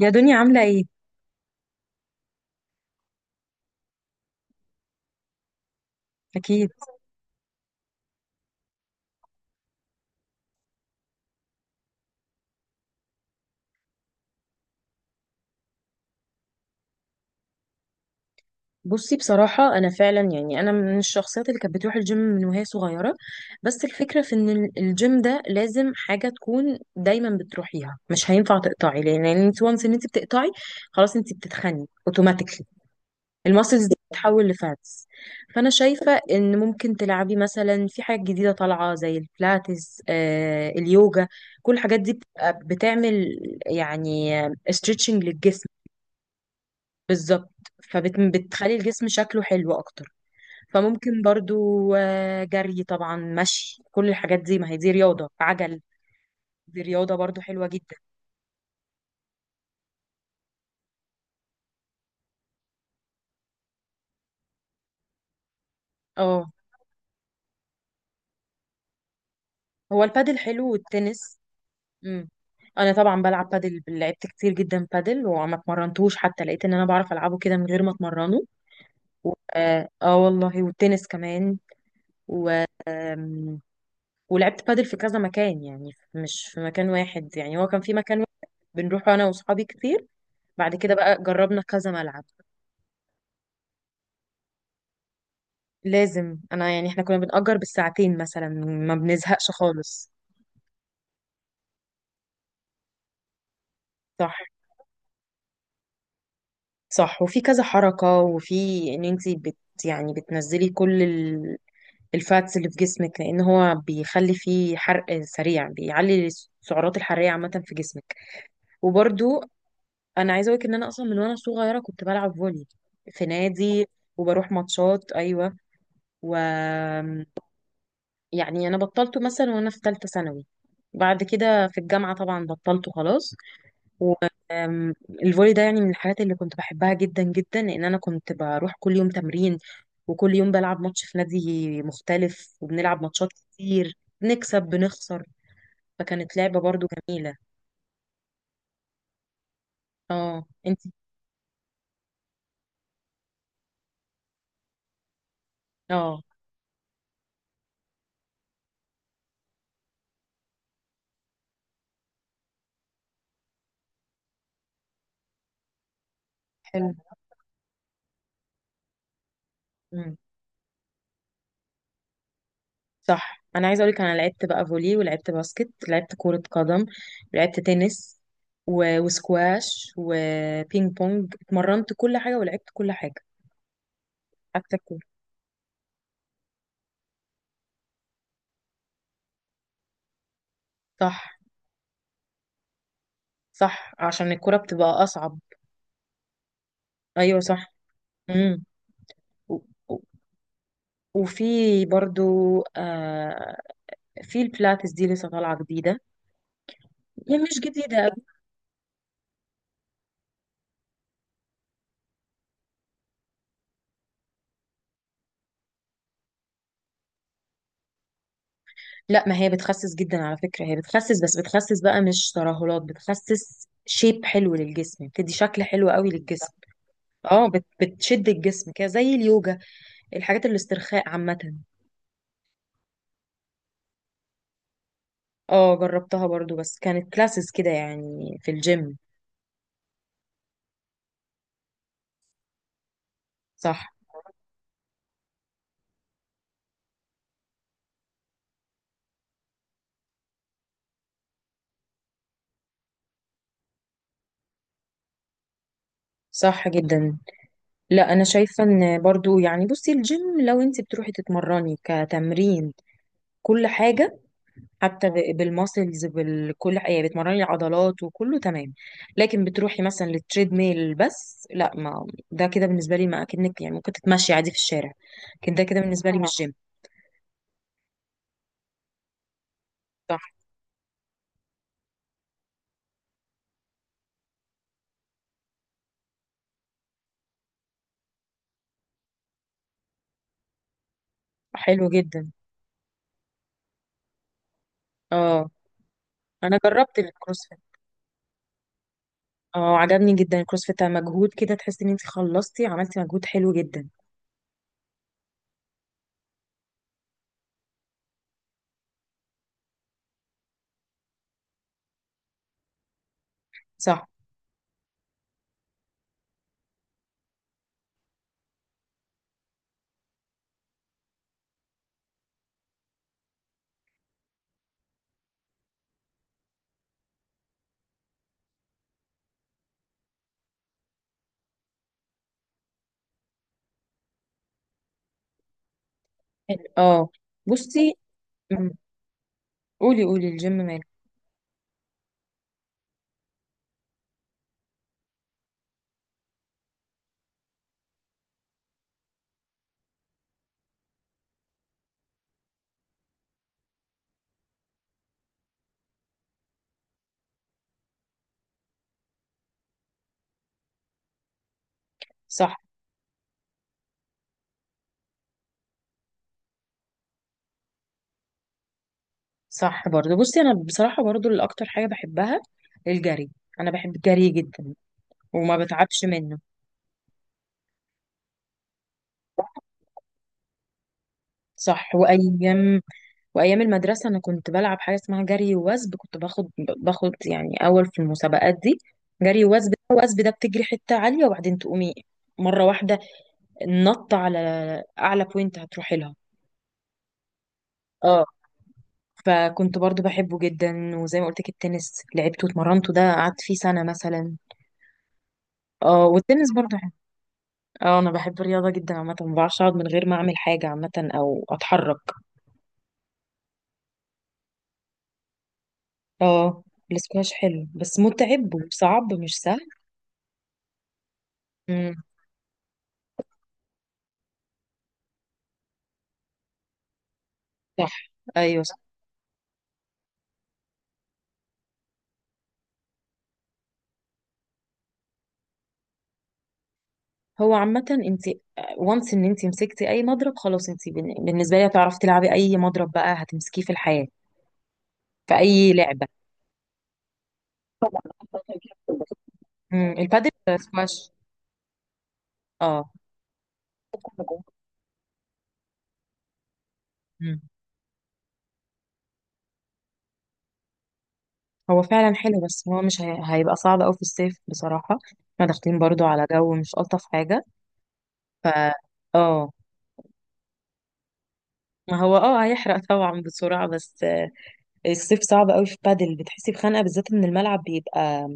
يا دنيا، عاملة ايه؟ أكيد. بصي بصراحة أنا فعلا، يعني أنا من الشخصيات اللي كانت بتروح الجيم من وهي صغيرة. بس الفكرة في إن الجيم ده لازم حاجة تكون دايما بتروحيها، مش هينفع تقطعي، لأن يعني انت وانس إن انت بتقطعي خلاص انت بتتخني اوتوماتيكلي. الماسلز دي بتتحول لفاتس. فأنا شايفة إن ممكن تلعبي مثلا في حاجات جديدة طالعة زي البلاتس، آه، اليوجا. كل الحاجات دي بتبقى بتعمل يعني استريتشنج للجسم. بالظبط، فبتخلي الجسم شكله حلو اكتر. فممكن برضو جري، طبعا مشي، كل الحاجات دي، ما هي دي رياضة عجل. دي رياضة برضو حلوة جدا. اه، هو البادل حلو والتنس. امم، انا طبعا بلعب بادل، لعبت كتير جدا بادل وما اتمرنتوش، حتى لقيت ان انا بعرف العبه كده من غير ما اتمرنه. والله، والتنس كمان. و آم، ولعبت بادل في كذا مكان، يعني مش في مكان واحد، يعني هو كان في مكان واحد بنروح انا واصحابي كتير، بعد كده بقى جربنا كذا ملعب. لازم انا، يعني احنا كنا بنأجر بالساعتين مثلا، ما بنزهقش خالص. صح، صح، وفي كذا حركة، وفي ان انت بت يعني بتنزلي كل الفاتس اللي في جسمك، لان هو بيخلي فيه حرق سريع، بيعلي السعرات الحرارية عامة في جسمك. وبرضو انا عايزة اقولك ان انا اصلا من وانا صغيرة كنت بلعب فولي في نادي، وبروح ماتشات، ايوه. و يعني انا بطلته مثلا وانا في ثالثه ثانوي، بعد كده في الجامعه طبعا بطلته خلاص. والفولي ده يعني من الحاجات اللي كنت بحبها جدا جدا، لان انا كنت بروح كل يوم تمرين، وكل يوم بلعب ماتش في نادي مختلف، وبنلعب ماتشات كتير، بنكسب بنخسر. فكانت لعبه برضو جميله. اه انت. اه، حلو. صح، انا عايزه اقولك انا لعبت بقى فولي، ولعبت باسكت، لعبت كره قدم، ولعبت تنس، و... وسكواش وبينج بونج، اتمرنت كل حاجه ولعبت كل حاجه، حتى الكوره. صح. صح، عشان الكوره بتبقى اصعب. ايوه صح. امم. و... و- وفي برضو آه في البلاتس دي لسه طالعه جديده، يعني مش جديده أوي. لا، ما هي بتخسس جدا على فكره، هي بتخسس، بس بتخسس بقى مش ترهلات، بتخسس شيب حلو للجسم، بتدي شكل حلو قوي للجسم. اه، بتشد الجسم كده زي اليوجا، الحاجات الاسترخاء عامة. اه، جربتها برضو، بس كانت كلاسز كده يعني في الجيم. صح. صح جدا. لا، انا شايفة ان برضو، يعني بصي الجيم، لو انت بتروحي تتمرني كتمرين كل حاجة، حتى بالماسلز، بكل حاجة، يعني بتمرني العضلات وكله تمام. لكن بتروحي مثلا للتريد ميل بس، لا، ما ده كده بالنسبة لي ما اكنك يعني ممكن تتمشي عادي في الشارع، لكن ده كده بالنسبة لي مش جيم. صح. حلو جدا. اه، انا جربت الكروسفيت. اه، عجبني جدا الكروسفيت، مجهود كده تحسي ان انت خلصتي عملتي مجهود حلو جدا. صح. حلو. اه. بصي. مم. قولي، قولي، الجيم مال. صح. صح برضه. بصي انا بصراحه برضه الاكتر حاجه بحبها الجري. انا بحب الجري جدا وما بتعبش منه. صح. وايام، وايام المدرسه انا كنت بلعب حاجه اسمها جري ووثب، كنت باخد يعني اول في المسابقات دي. جري ووثب، وثب ده بتجري حته عاليه وبعدين تقومي مره واحده، نط على اعلى بوينت هتروحي لها. اه، فكنت برضو بحبه جدا. وزي ما قلت لك التنس لعبته واتمرنته، ده قعدت فيه سنة مثلا. اه، والتنس برضو حلو. اه، انا بحب الرياضة جدا عامة، ما بعرفش اقعد من غير ما اعمل حاجة عامة او اتحرك. اه، الاسكواش حلو بس متعب وصعب، مش سهل. امم. صح. ايوه صح. هو عامة انت وانس ان انت مسكتي اي مضرب خلاص، انت بالنسبة لي هتعرفي تلعبي اي مضرب بقى هتمسكيه في الحياة، في اي لعبة. امم، البادل، سكواش. اه. مم. هو فعلا حلو، بس هو مش هي... هيبقى صعب قوي في الصيف بصراحة. احنا داخلين برضو على جو مش ألطف حاجة. ف اه ما هو، اه، هيحرق طبعا بسرعة، بس الصيف صعب قوي في بادل، بتحسي بخنقة، بالذات ان الملعب بيبقى،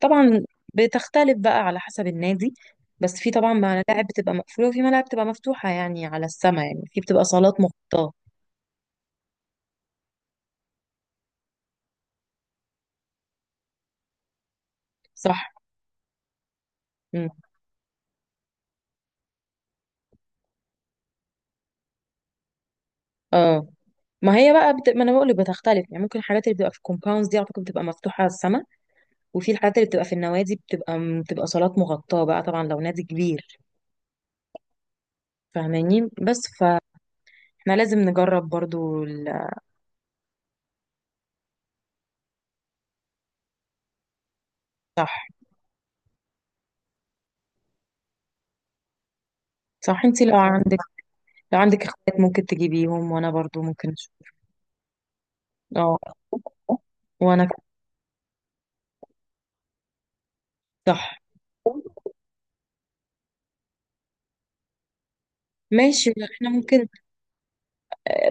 طبعا بتختلف بقى على حسب النادي، بس في طبعا ملاعب بتبقى مقفولة، وفي ملاعب بتبقى مفتوحة يعني على السما، يعني في بتبقى صالات مغطاة. صح. مم. اه، ما هي بقى ما انا بقول لك بتختلف، يعني ممكن الحاجات اللي بتبقى في الكومباوندز دي اعتقد بتبقى مفتوحة على السما، وفي الحاجات اللي بتبقى في النوادي بتبقى صالات مغطاة بقى، طبعا لو نادي كبير. فاهماني؟ بس فاحنا لازم نجرب برضو صح. صح، انتي لو عندك، لو عندك اخوات ممكن تجيبيهم، وانا برضو ممكن اشوف. اه. وانا ك- صح. ماشي. احنا ممكن،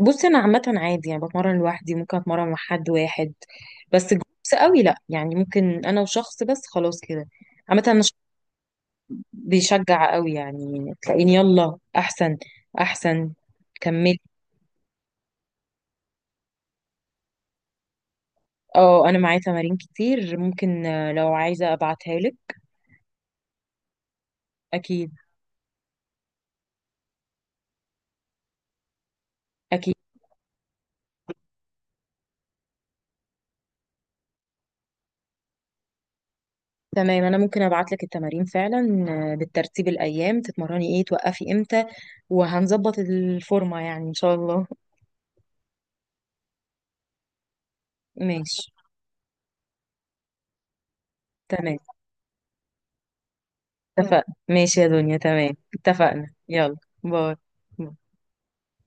بصي انا عامة عادي يعني بتمرن لوحدي، ممكن اتمرن مع حد واحد، بس جروبس قوي لا، يعني ممكن انا وشخص بس خلاص كده. عامة انا شخص بيشجع قوي، يعني تلاقيني يلا احسن. احسن. كملي. اه، انا معايا تمارين كتير، ممكن لو عايزه ابعتها لك. اكيد. اكيد. تمام، انا ممكن ابعت لك التمارين فعلا، بالترتيب الايام تتمرني ايه، توقفي امتى، وهنظبط الفورمه يعني ان شاء الله. ماشي. تمام، اتفقنا. ماشي يا دنيا، تمام، اتفقنا، يلا. باي.